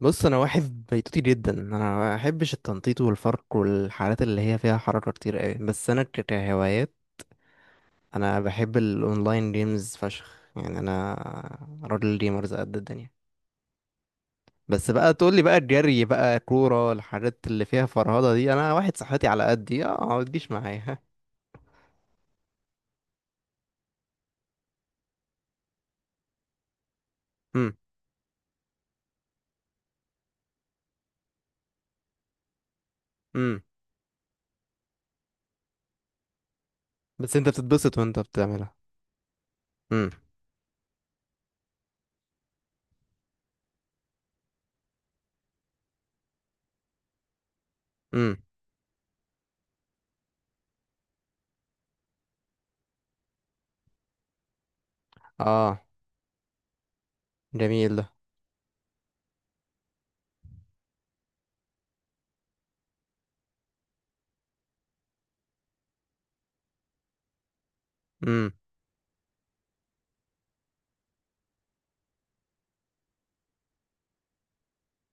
بص، انا واحد بيتوتي جدا. انا ما بحبش التنطيط والفرق والحالات اللي هي فيها حركه كتير قوي. بس انا كهوايات انا بحب الاونلاين جيمز فشخ. يعني انا راجل جيمرز قد الدنيا. بس بقى تقول لي بقى الجري بقى كوره الحاجات اللي فيها فرهضه دي، انا واحد صحتي على قدي، اه ما تجيش معايا. امم. امم. بس انت بتتبسط وانت بتعملها. امم. امم. اه جميل ده. امم.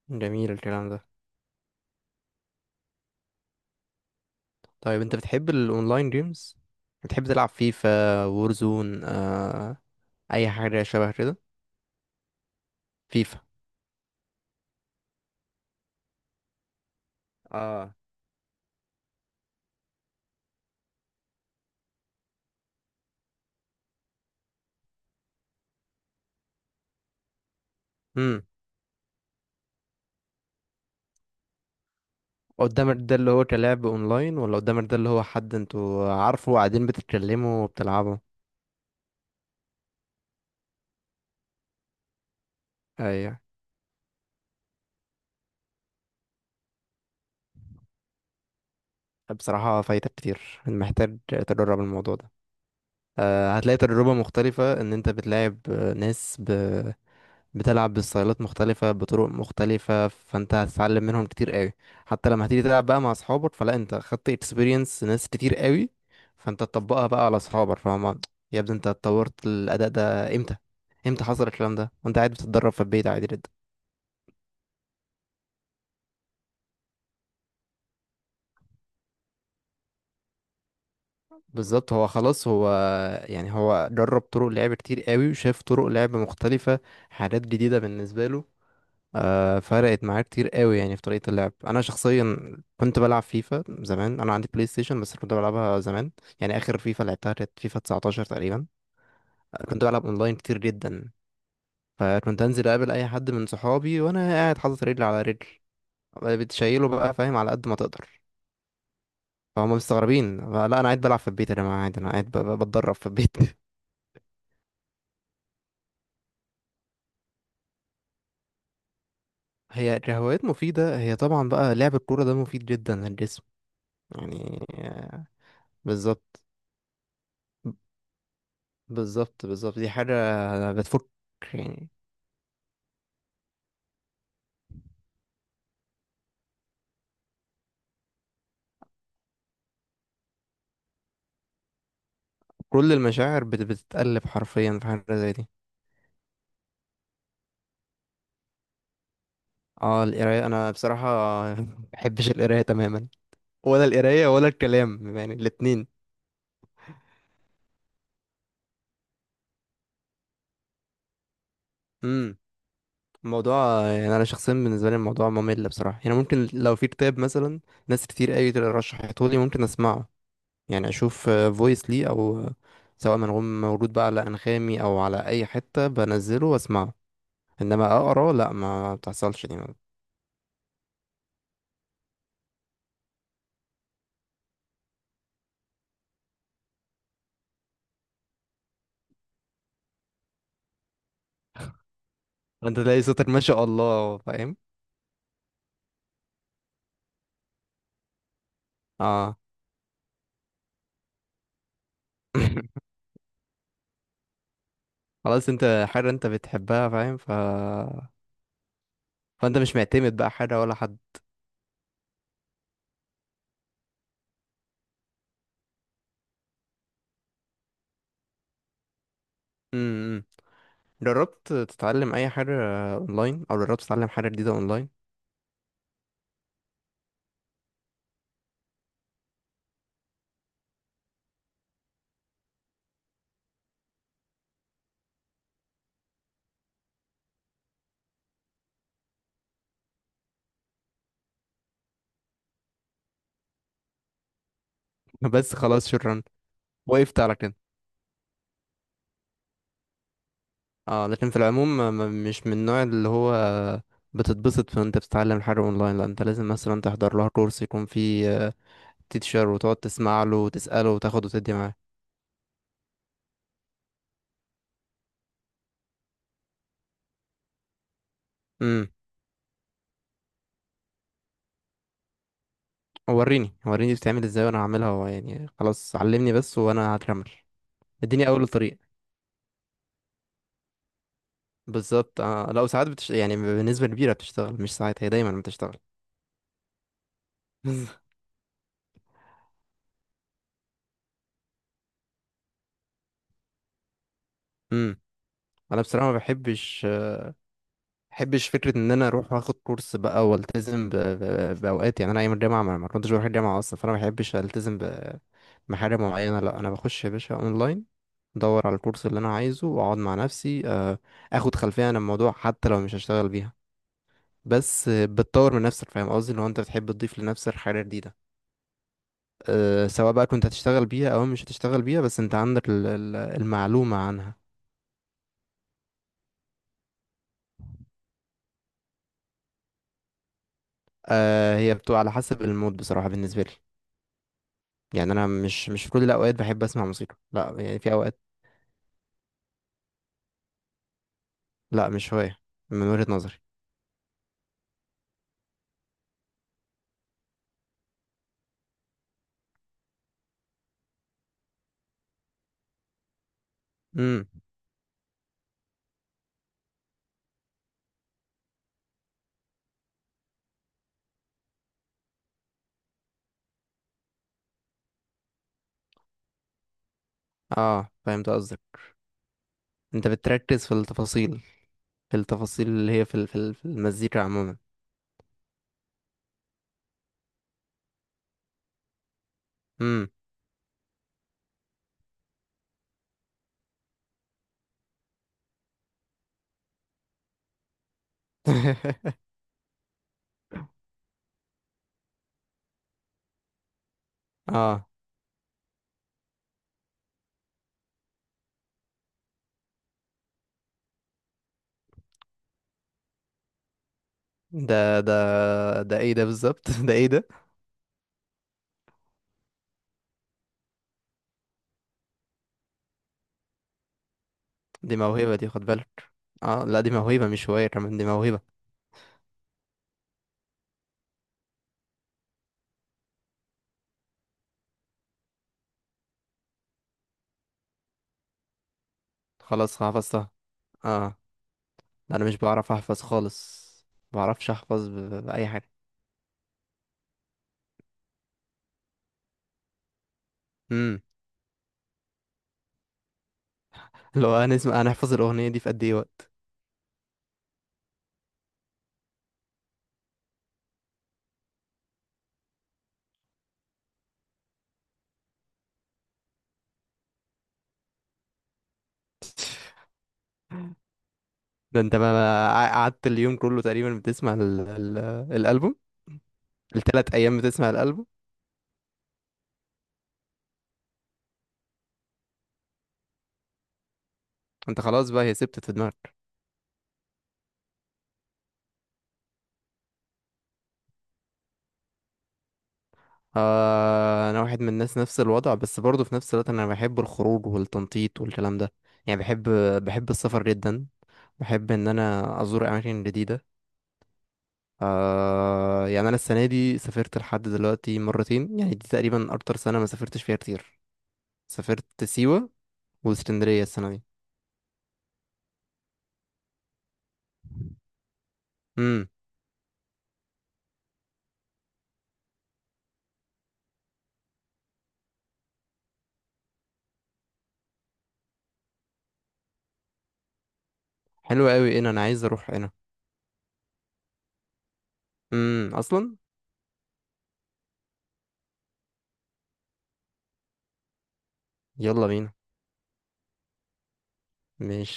جميل الكلام ده. طيب انت بتحب الاونلاين جيمز؟ بتحب تلعب فيفا وورزون؟ اي حاجه شبه كده؟ فيفا. اه. امم. قدامك ده اللي هو كلاعب اونلاين، ولا قدامك ده اللي هو حد انتوا عارفه وقاعدين بتتكلموا وبتلعبوا؟ ايوه. بصراحه فايتك كتير، محتاج تجرب الموضوع ده. هتلاقي تجربه مختلفه، ان انت بتلاعب ناس بتلعب بستايلات مختلفة بطرق مختلفة، فانت هتتعلم منهم كتير قوي. حتى لما هتيجي تلعب بقى مع اصحابك، فلا انت خدت اكسبيرينس ناس كتير قوي فانت تطبقها بقى على اصحابك، فاهم. يا ابني انت اتطورت الاداء ده امتى؟ امتى حصل الكلام ده وانت قاعد بتتدرب في البيت عادي جدا؟ بالظبط، هو خلاص هو. يعني هو جرب طرق لعب كتير قوي وشاف طرق لعب مختلفة، حاجات جديدة بالنسبة له. فرقت معايا كتير قوي يعني في طريقة اللعب. انا شخصيا كنت بلعب فيفا زمان، انا عندي بلاي ستيشن بس كنت بلعبها زمان. يعني اخر فيفا لعبتها كانت فيفا 19 تقريبا. كنت بلعب اونلاين كتير جدا، فكنت انزل اقابل اي حد من صحابي وانا قاعد حاطط رجل على رجل بتشيله بقى، فاهم، على قد ما تقدر. فهم مستغربين، لا انا قاعد بلعب في البيت يا جماعه، عادي انا قاعد بتدرب في البيت. هي هوايات مفيدة، هي طبعا بقى لعب الكورة ده مفيد جدا للجسم. يعني بالظبط. بالظبط بالظبط دي حاجة. بتفك يعني. كل المشاعر بتتقلب حرفيا في حاجة زي دي. اه القراية أنا بصراحة مبحبش القراية تماما. ولا القراية ولا الكلام يعني الاتنين. امم. الموضوع، يعني أنا شخصيا بالنسبة لي الموضوع ممل بصراحة. يعني ممكن لو في كتاب مثلا ناس كتير أوي رشحته لي ممكن أسمعه. يعني أشوف فويس لي أو سواء منغوم موجود بقى على أنغامي أو على أي حتة بنزله وأسمعه. إنما أقرأ لأ، ما بتحصلش دي. انت تلاقي صوتك ما شاء الله، فاهم. اه. خلاص انت حاجة انت بتحبها، فاهم، فانت مش معتمد بقى حاجة ولا حد. امم. امم. جربت تتعلم اي حاجة اونلاين، او جربت تتعلم حاجة جديدة اونلاين؟ بس خلاص شكرا. وقفت على كده. اه لكن في العموم، مش من النوع اللي هو بتتبسط وانت بتتعلم حاجة اونلاين. لا انت لازم مثلا تحضر لها كورس يكون فيه تيتشر وتقعد تسمع له وتسأله وتاخد وتدي معاه. امم. وريني بتعمل ازاي وانا هعملها يعني خلاص علمني بس وانا هكمل. اديني اول طريق. بالظبط. آه لا، ساعات يعني بنسبة كبيرة بتشتغل، مش ساعات، هي دايما بتشتغل. امم. انا بصراحة ما بحبش، بحبش فكرة ان انا اروح واخد كورس بقى والتزم باوقات. يعني انا ايام الجامعة ما كنتش بروح الجامعة اصلا، فانا ما بحبش التزم بحاجة معينة. لا انا بخش يا باشا اونلاين ادور على الكورس اللي انا عايزه واقعد مع نفسي، اخد خلفية عن الموضوع حتى لو مش هشتغل بيها. بس بتطور من نفسك، فاهم قصدي، لو انت بتحب تضيف لنفسك حاجه جديده. أه سواء بقى كنت هتشتغل بيها او مش هتشتغل بيها، بس انت عندك المعلومه عنها. أه هي بتبقى على حسب المود بصراحه بالنسبه لي. يعني انا مش في كل الاوقات بحب اسمع موسيقى، لا يعني في اوقات. لا مش هوايه من وجهه نظري. امم. اه فهمت قصدك، انت بتركز في التفاصيل. في التفاصيل اللي هي في في المزيكا عموما. امم. اه ده ايه ده بالظبط. ده ايه ده. دي موهبة دي، خد بالك. اه لا دي موهبة، مش هواية، كمان دي موهبة. خلاص حفظتها. اه. لا انا مش بعرف احفظ خالص. ما بعرفش احفظ بأي حاجة. امم. لو هنسمع هنحفظ الأغنية دي في قد ايه وقت. ده انت ما ما قع- قعدت اليوم كله تقريبا بتسمع ال ال الألبوم. التلات أيام بتسمع الألبوم. انت خلاص بقى هي سبتت في دماغك. آه انا واحد من الناس نفس الوضع، بس برضه في نفس الوقت انا بحب الخروج والتنطيط والكلام ده. يعني بحب السفر جدا. بحب ان انا ازور اماكن جديده. آه يعني انا السنه دي سافرت لحد دلوقتي مرتين، يعني دي تقريبا اكتر سنه ما سافرتش فيها كتير. سافرت سيوه واسكندريه السنه دي. امم. حلو قوي هنا، انا عايز اروح هنا. اصلا. يلا بينا. مش